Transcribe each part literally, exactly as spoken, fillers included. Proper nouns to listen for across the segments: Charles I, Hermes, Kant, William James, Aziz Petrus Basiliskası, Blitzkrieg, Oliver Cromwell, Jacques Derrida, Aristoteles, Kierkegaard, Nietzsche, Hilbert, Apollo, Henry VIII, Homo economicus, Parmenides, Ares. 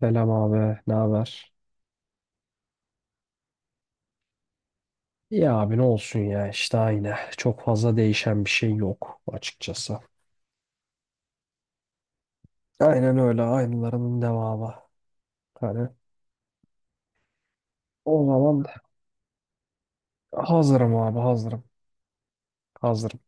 Selam abi, ne haber? Ya abi ne olsun ya işte aynı. Çok fazla değişen bir şey yok açıkçası. Aynen öyle aynılarının devamı. Hani, o zaman hazırım abi, hazırım. Hazırım.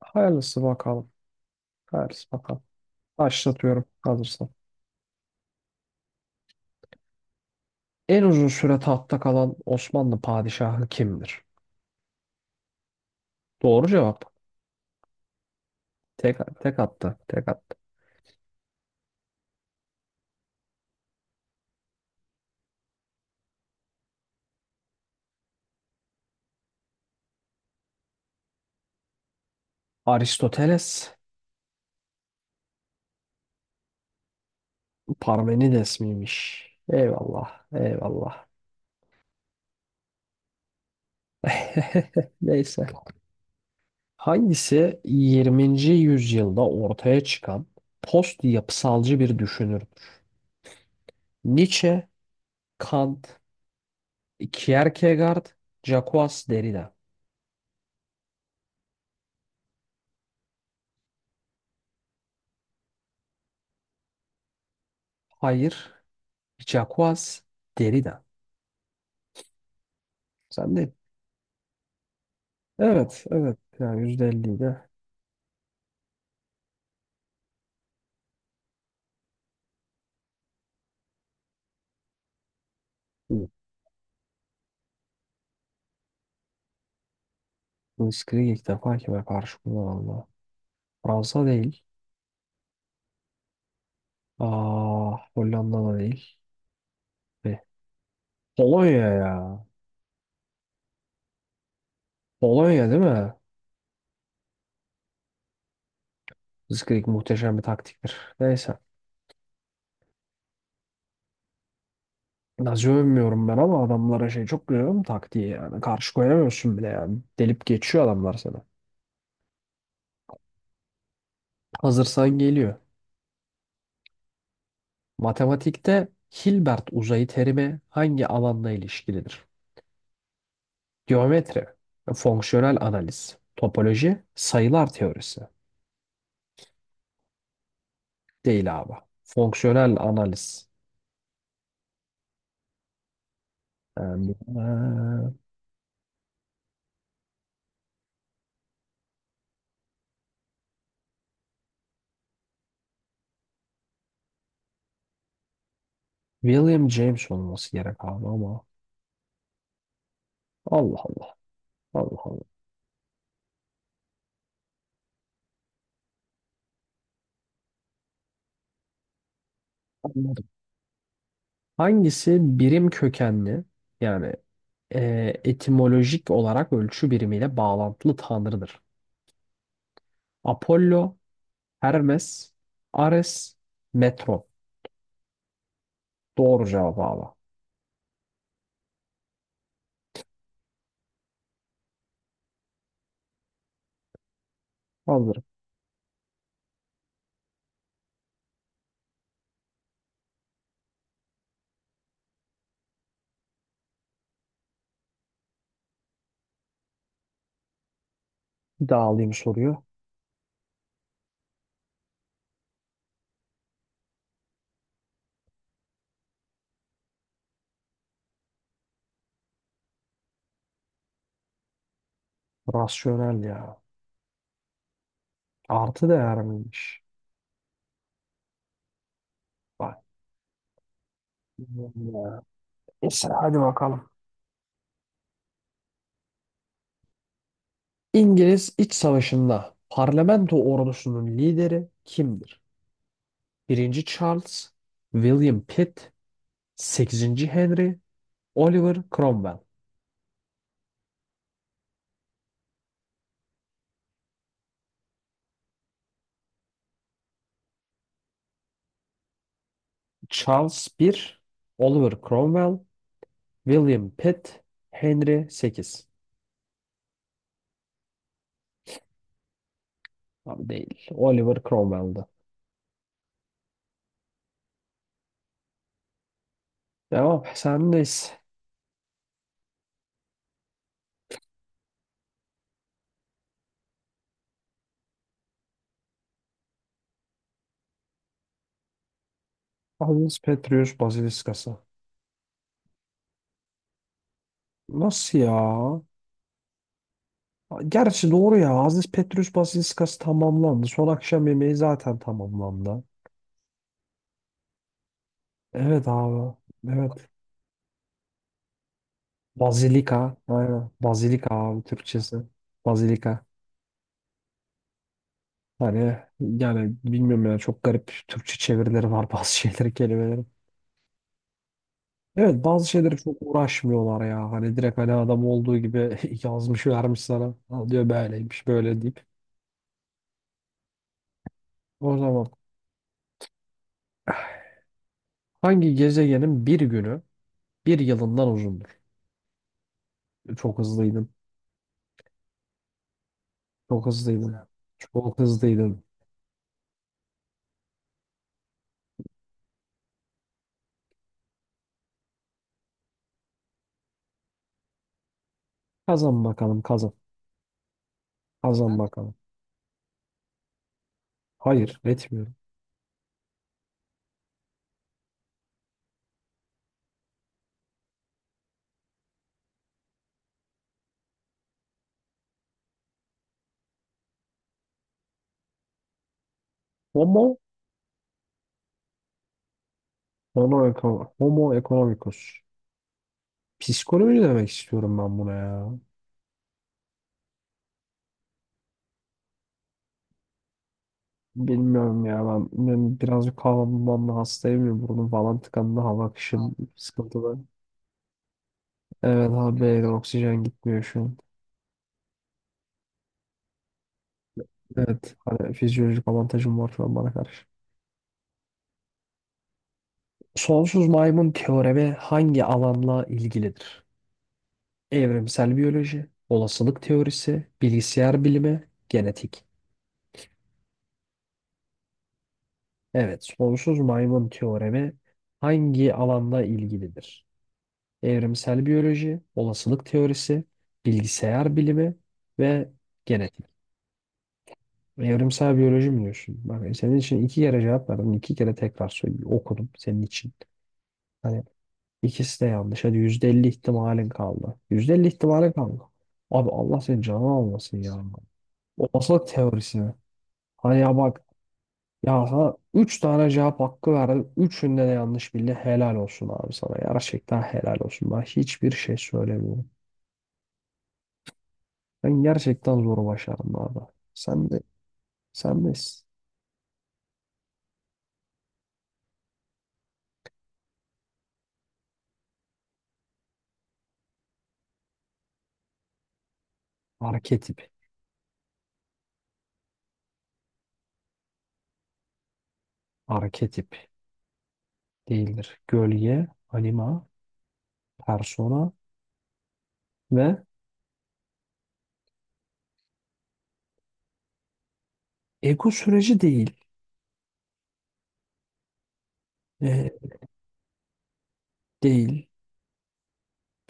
Hayırlısı bakalım. Hayırlısı bakalım. Başlatıyorum hazırsan. En uzun süre tahtta kalan Osmanlı padişahı kimdir? Doğru cevap. Tek, tek attı. Tek attı. Aristoteles. Parmenides miymiş? Eyvallah. Eyvallah. Neyse. Hangisi yirminci yüzyılda ortaya çıkan post yapısalcı bir düşünürdür? Nietzsche, Kant, Kierkegaard, Jacques Derrida. Hayır, Jacques Derrida. Sen de. Evet, evet. Yani yüzde elliyi de. Hı. Blitzkrieg ilk defa kime karşı kullanıldı? Fransa değil. Aa, Hollanda da değil. Ve Polonya ya. Polonya değil mi? Blitzkrieg muhteşem bir taktiktir. Neyse. Nazi övmüyorum ben ama adamlara şey çok görüyorum taktiği yani. Karşı koyamıyorsun bile yani. Delip geçiyor adamlar sana. Hazırsan geliyor. Matematikte Hilbert uzayı terimi hangi alanla ilişkilidir? Geometri, fonksiyonel analiz, topoloji, sayılar teorisi. Değil abi. Fonksiyonel analiz. Yani, eee, William James olması gerek abi ama. Allah Allah. Allah Allah. Hangisi birim kökenli, yani e, etimolojik olarak ölçü birimiyle bağlantılı tanrıdır? Apollo, Hermes, Ares, Metro. Doğru cevabı abi. Hazırım. Bir daha alayım soruyu. Rasyonel ya. Artı değer miymiş? Bak. Neyse hadi bakalım. İngiliz İç Savaşı'nda parlamento ordusunun lideri kimdir? Birinci Charles, William Pitt, Sekizinci Henry, Oliver Cromwell, Birinci Charles, Oliver Cromwell, William Pitt, Henry sekizinci. Abi değil. Oliver Cromwell'dı. Devam. Sendeyiz. Aziz Petrus Basiliskası. Nasıl ya? Gerçi doğru ya. Aziz Petrus Basiliskası tamamlandı. Son akşam yemeği zaten tamamlandı. Evet abi. Evet. Bazilika. Aynen. Bazilika abi Türkçesi. Bazilika. Hani yani bilmiyorum ya, çok garip Türkçe çevirileri var bazı şeyleri kelimelerin. Evet, bazı şeyleri çok uğraşmıyorlar ya. Hani direkt hani adam olduğu gibi yazmış vermiş sana. Al diyor, böyleymiş böyle deyip. O zaman hangi gezegenin bir günü bir yılından uzundur? Çok hızlıydın. Çok hızlıydın. Çok hızlıydın. Kazan bakalım kazan. Kazan bakalım. Hayır, etmiyorum. Homo, homo, Homo economicus. Psikoloji demek istiyorum ben buna ya. Bilmiyorum ya, ben, ben birazcık havamdan da hastayım ya, burnum falan tıkandı, hava akışım sıkıntılı. Evet abi, beyler oksijen gitmiyor şu an. Evet, hani fizyolojik avantajım var şu an bana karşı. Sonsuz maymun teoremi hangi alanla ilgilidir? Evrimsel biyoloji, olasılık teorisi, bilgisayar bilimi, genetik. Evet, sonsuz maymun teoremi hangi alanla ilgilidir? Evrimsel biyoloji, olasılık teorisi, bilgisayar bilimi ve genetik. Evrimsel biyoloji mi diyorsun? Bak, senin için iki kere cevap verdim. İki kere tekrar söyleyeyim. Okudum senin için. Hani ikisi de yanlış. Hadi yüzde elli ihtimalin kaldı. Yüzde elli ihtimalin kaldı. Abi Allah senin canını almasın ya. Olasılık teorisi. Hani ya bak, ya sana üç tane cevap hakkı verdim. Üçünde de yanlış bildi. Helal olsun abi sana. Gerçekten helal olsun. Ben hiçbir şey söylemiyorum. Ben gerçekten zoru başardım bu arada. Sen de, sen de s- Arketip, arketip değildir. Gölge, anima, persona ve ego süreci değil. Ee, Değil.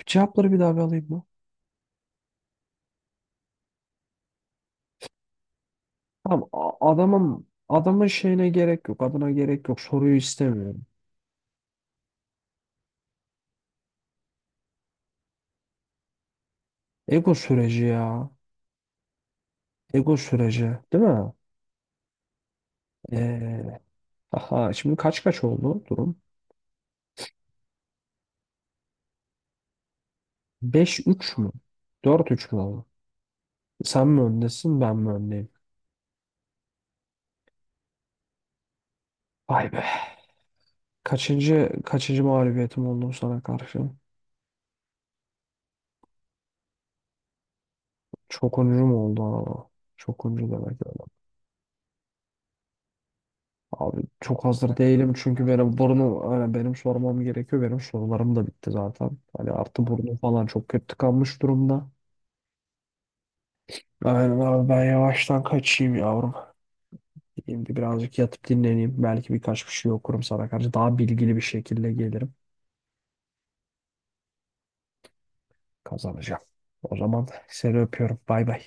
Cevapları bir daha bir alayım mı? Tamam, a- adamın, adamın şeyine gerek yok, adına gerek yok. Soruyu istemiyorum. Ego süreci ya. Ego süreci, değil mi? Ee, aha, şimdi kaç kaç oldu durum? Beş üç mü? Dört üç mü oldu? Sen mi öndesin, ben mi öndeyim? Vay be. Kaçıncı kaçıncı mağlubiyetim oldu sana karşı? Çok oyuncu mu oldu ama? Çok oyuncu demek öyle. Abi çok hazır değilim çünkü benim burnum, yani benim sormam gerekiyor. Benim sorularım da bitti zaten. Hani artı burnum falan çok kötü tıkanmış durumda. Aynen abi, ben yavaştan kaçayım yavrum. Şimdi birazcık yatıp dinleneyim. Belki birkaç bir şey okurum sana karşı. Daha bilgili bir şekilde gelirim. Kazanacağım. O zaman seni öpüyorum. Bay bay.